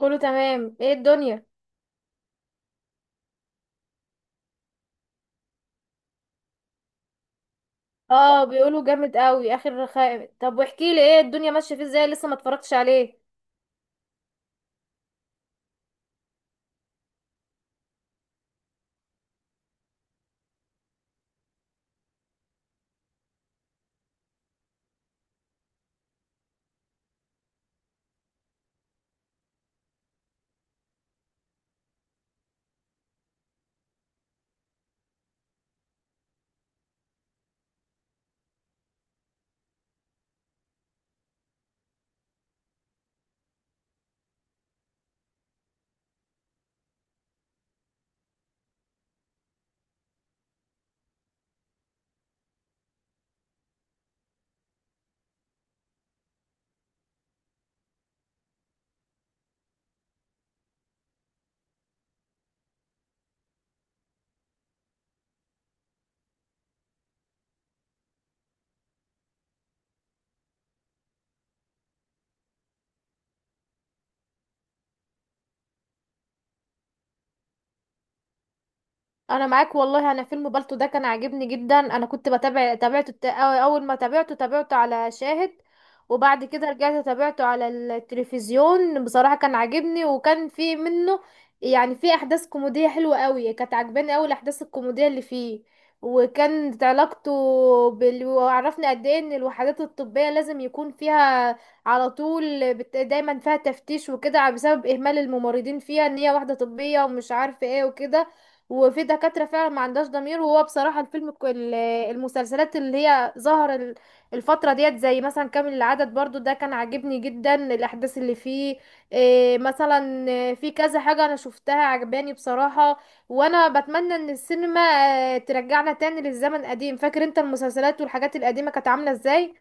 كله تمام. ايه الدنيا؟ اه، بيقولوا جامد قوي اخر خائم. طب واحكي لي، ايه الدنيا ماشيه فيه ازاي، لسه ما اتفرجتش عليه. انا معاك والله. انا فيلم بالطو ده كان عاجبني جدا. انا كنت بتابع تابعته اول ما تابعته على شاهد، وبعد كده رجعت تابعته على التلفزيون. بصراحة كان عاجبني وكان في منه يعني في احداث كوميدية حلوة قوي، كانت عاجباني قوي الاحداث الكوميدية اللي فيه. وكانت علاقته وعرفنا قد ايه ان الوحدات الطبية لازم يكون فيها على طول دايما فيها تفتيش وكده بسبب اهمال الممرضين فيها، ان هي واحدة طبية ومش عارفة ايه وكده. وفي دكاترة فعلا ما عندهاش ضمير. وهو بصراحة المسلسلات اللي هي الفترة ديت زي مثلا كامل العدد، برضو ده كان عاجبني جدا الأحداث اللي فيه. إيه مثلا إيه في كذا حاجة أنا شفتها عجباني بصراحة. وأنا بتمنى إن السينما ترجعنا تاني للزمن قديم. فاكر أنت المسلسلات والحاجات القديمة كانت عاملة إزاي؟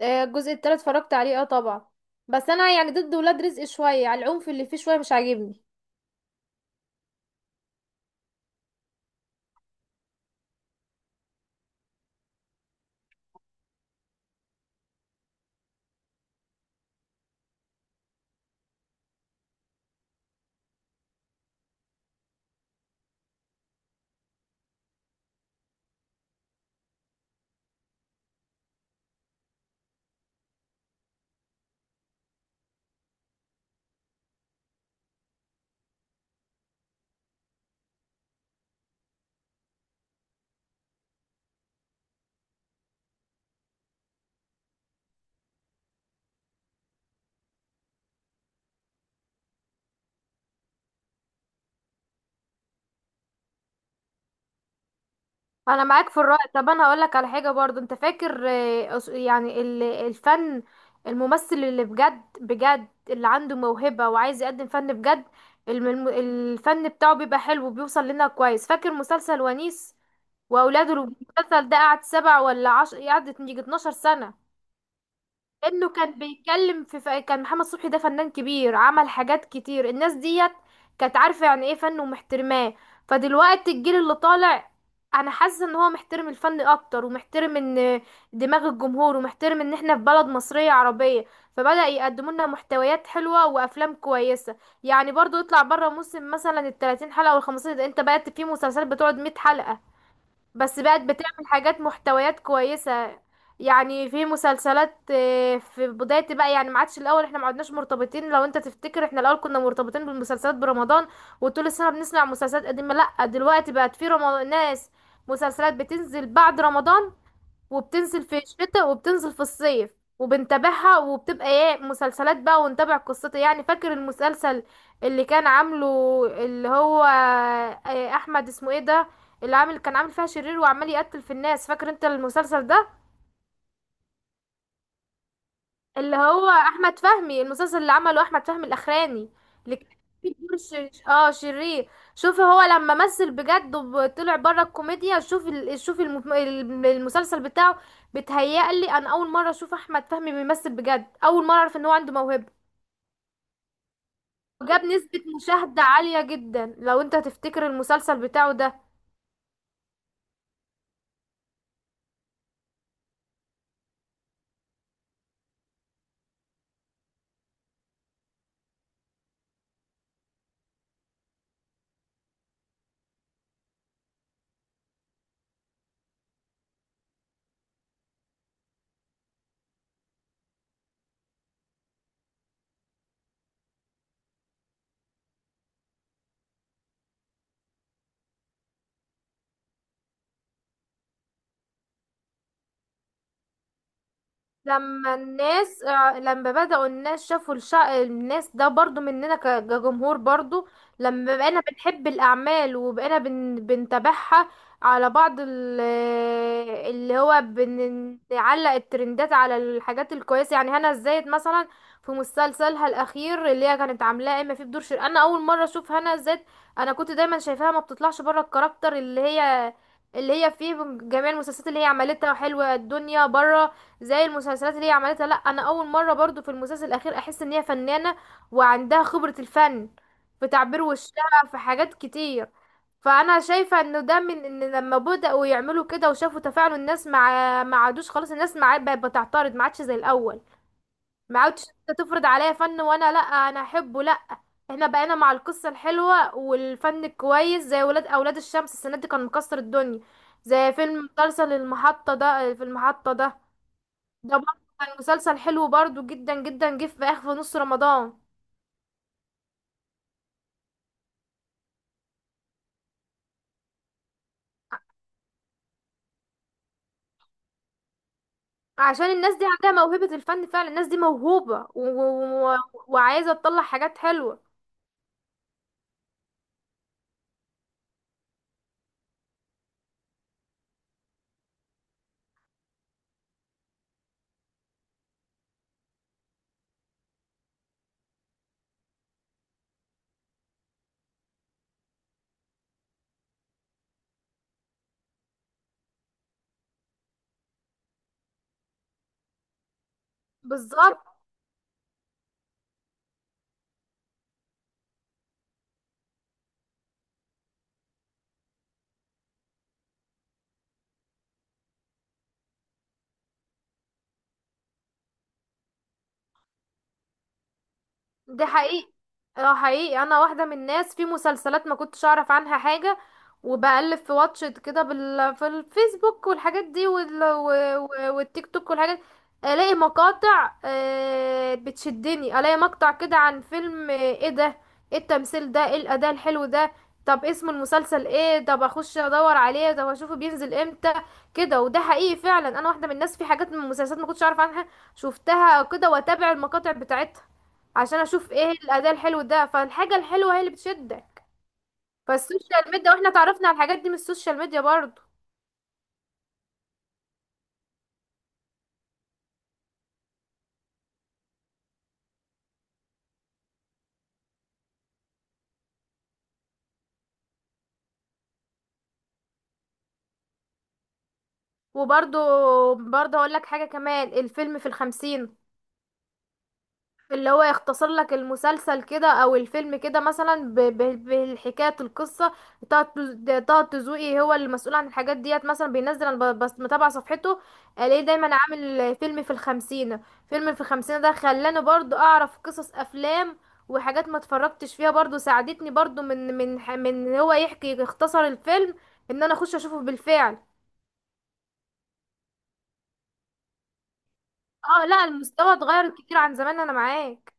آه، الجزء التالت اتفرجت عليه، اه طبعا. بس أنا يعني ضد ولاد رزق شوية، على العنف اللي فيه شوية مش عاجبني. انا معاك في الرأي. طب انا هقول لك على حاجه برضو. انت فاكر الفن، الممثل اللي بجد بجد اللي عنده موهبه وعايز يقدم فن بجد، الفن بتاعه بيبقى حلو وبيوصل لنا كويس. فاكر مسلسل ونيس واولاده؟ المسلسل ده قعد سبع ولا عشر، قعدت يجي 12 سنه. انه كان بيتكلم كان محمد صبحي ده فنان كبير، عمل حاجات كتير. الناس ديت كانت عارفة يعني ايه فن ومحترماه. فدلوقتي الجيل اللي طالع انا حاسة ان هو محترم الفن اكتر، ومحترم ان دماغ الجمهور، ومحترم ان احنا في بلد مصرية عربية، فبدأ يقدموا لنا محتويات حلوة وافلام كويسة. يعني برضو يطلع بره موسم مثلا ال 30 حلقة وال 15، انت بقى في مسلسلات بتقعد 100 حلقة بس بقت بتعمل حاجات محتويات كويسة. يعني في مسلسلات، في بداية بقى يعني ما عادش الأول. احنا ما عدناش مرتبطين. لو انت تفتكر احنا الأول كنا مرتبطين بالمسلسلات برمضان وطول السنة بنسمع مسلسلات قديمة. لأ دلوقتي بقت في رمضان ناس، مسلسلات بتنزل بعد رمضان وبتنزل في الشتاء وبتنزل في الصيف وبنتابعها وبتبقى ايه مسلسلات بقى، ونتابع قصتها. يعني فاكر المسلسل اللي كان عامله اللي هو، احمد اسمه ايه ده، اللي عامل كان عامل فيها شرير وعمال يقتل في الناس، فاكر انت المسلسل ده؟ اللي هو احمد فهمي، المسلسل اللي عمله احمد فهمي الاخراني، اللي كان فيه دور شرير. شوفي هو لما مثل بجد وطلع بره الكوميديا، شوفي المسلسل بتاعه. بتهيألي انا اول مره اشوف احمد فهمي بيمثل بجد، اول مره اعرف ان هو عنده موهبه وجاب نسبه مشاهده عاليه جدا. لو انت تفتكر المسلسل بتاعه ده. لما بدأوا الناس شافوا الناس ده برضو مننا كجمهور برضو، لما بقينا بنحب الأعمال وبقينا بنتابعها. على بعض اللي هو بنعلق الترندات على الحاجات الكويسة. يعني هنا الزاهد مثلا، في مسلسلها الأخير اللي هي كانت عاملاه إما في بدور شر، أنا أول مرة أشوف هنا الزاهد. أنا كنت دايما شايفاها ما بتطلعش بره الكاركتر اللي هي اللي هي فيه، جميع المسلسلات اللي هي عملتها، وحلوة الدنيا بره. زي المسلسلات اللي هي عملتها، لا انا اول مره برضو في المسلسل الاخير احس ان هي فنانه وعندها خبره الفن، في تعبير وشها، في حاجات كتير. فانا شايفه انه ده من ان لما بداوا يعملوا كده وشافوا تفاعل الناس، مع ما عادوش خلاص الناس، مع بقت بتعترض، ما عادش زي الاول. ما عادش انت تفرض عليا فن وانا لا، انا احبه لا، احنا بقينا مع القصه الحلوه والفن الكويس، زي اولاد الشمس. السنه دي كان مكسر الدنيا. زي مسلسل المحطه ده، ده برضه كان مسلسل حلو برضه جدا جدا، جه في اخر في نص رمضان. عشان الناس دي عندها موهبة الفن، فعلا الناس دي موهوبة وعايزة تطلع حاجات حلوة. بالظبط. دي حقيقي. اه حقيقي، انا واحده من الناس في مسلسلات ما كنتش اعرف عنها حاجه، وبقلب في واتشت كده في الفيسبوك والحاجات دي و... والتيك توك والحاجات، الاقي مقاطع، بتشدني. الاقي مقطع كده عن فيلم، ايه ده، ايه التمثيل ده، ايه الاداء الحلو ده، طب اسم المسلسل ايه، طب اخش ادور عليه، طب اشوفه بينزل امتى كده. وده حقيقي فعلا، انا واحده من الناس في حاجات من المسلسلات ما كنتش اعرف عنها، شفتها كده واتابع المقاطع بتاعتها عشان اشوف ايه الاداء الحلو ده. فالحاجه الحلوه هي اللي بتشدك. فالسوشيال ميديا، واحنا تعرفنا على الحاجات دي من السوشيال ميديا برضو. وبرضو هقول لك حاجه كمان، الفيلم في الخمسين، اللي هو يختصر لك المسلسل كده او الفيلم كده مثلا بالحكاية القصة. طه الدسوقي هو اللي مسؤول عن الحاجات ديت، مثلا بينزل انا بس متابعة صفحته، الاقيه دايما عامل فيلم في الخمسين. فيلم في الخمسين ده خلاني برضو اعرف قصص افلام وحاجات ما اتفرجتش فيها، برضو ساعدتني برضو من هو يحكي يختصر الفيلم، ان انا اخش اشوفه بالفعل. اه لا، المستوى اتغير كتير عن زمان، انا معاك.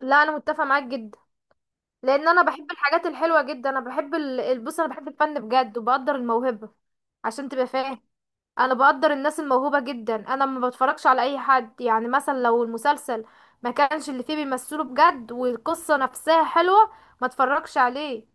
لا انا متفق معاك جدا، لان انا بحب الحاجات الحلوه جدا. انا بحب بص، انا بحب الفن بجد وبقدر الموهبه، عشان تبقى فاهم. انا بقدر الناس الموهوبه جدا، انا ما بتفرجش على اي حد. يعني مثلا لو المسلسل ما كانش اللي فيه بيمثله بجد والقصه نفسها حلوه، ما اتفرجش عليه.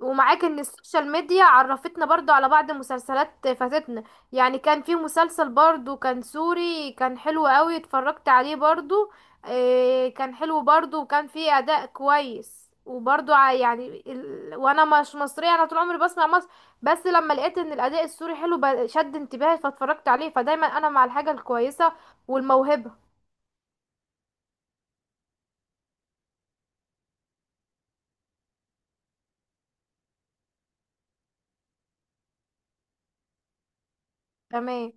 ومعاك ان السوشيال ميديا عرفتنا برضو على بعض مسلسلات فاتتنا. يعني كان في مسلسل برضو كان سوري كان حلو قوي، اتفرجت عليه برضو، إيه كان حلو برضو وكان فيه اداء كويس، وبرضو وانا مش مصرية، انا طول عمري بسمع مصر، بس لما لقيت ان الاداء السوري حلو شد انتباهي فاتفرجت عليه. فدايما انا مع الحاجة الكويسة والموهبة. تمام.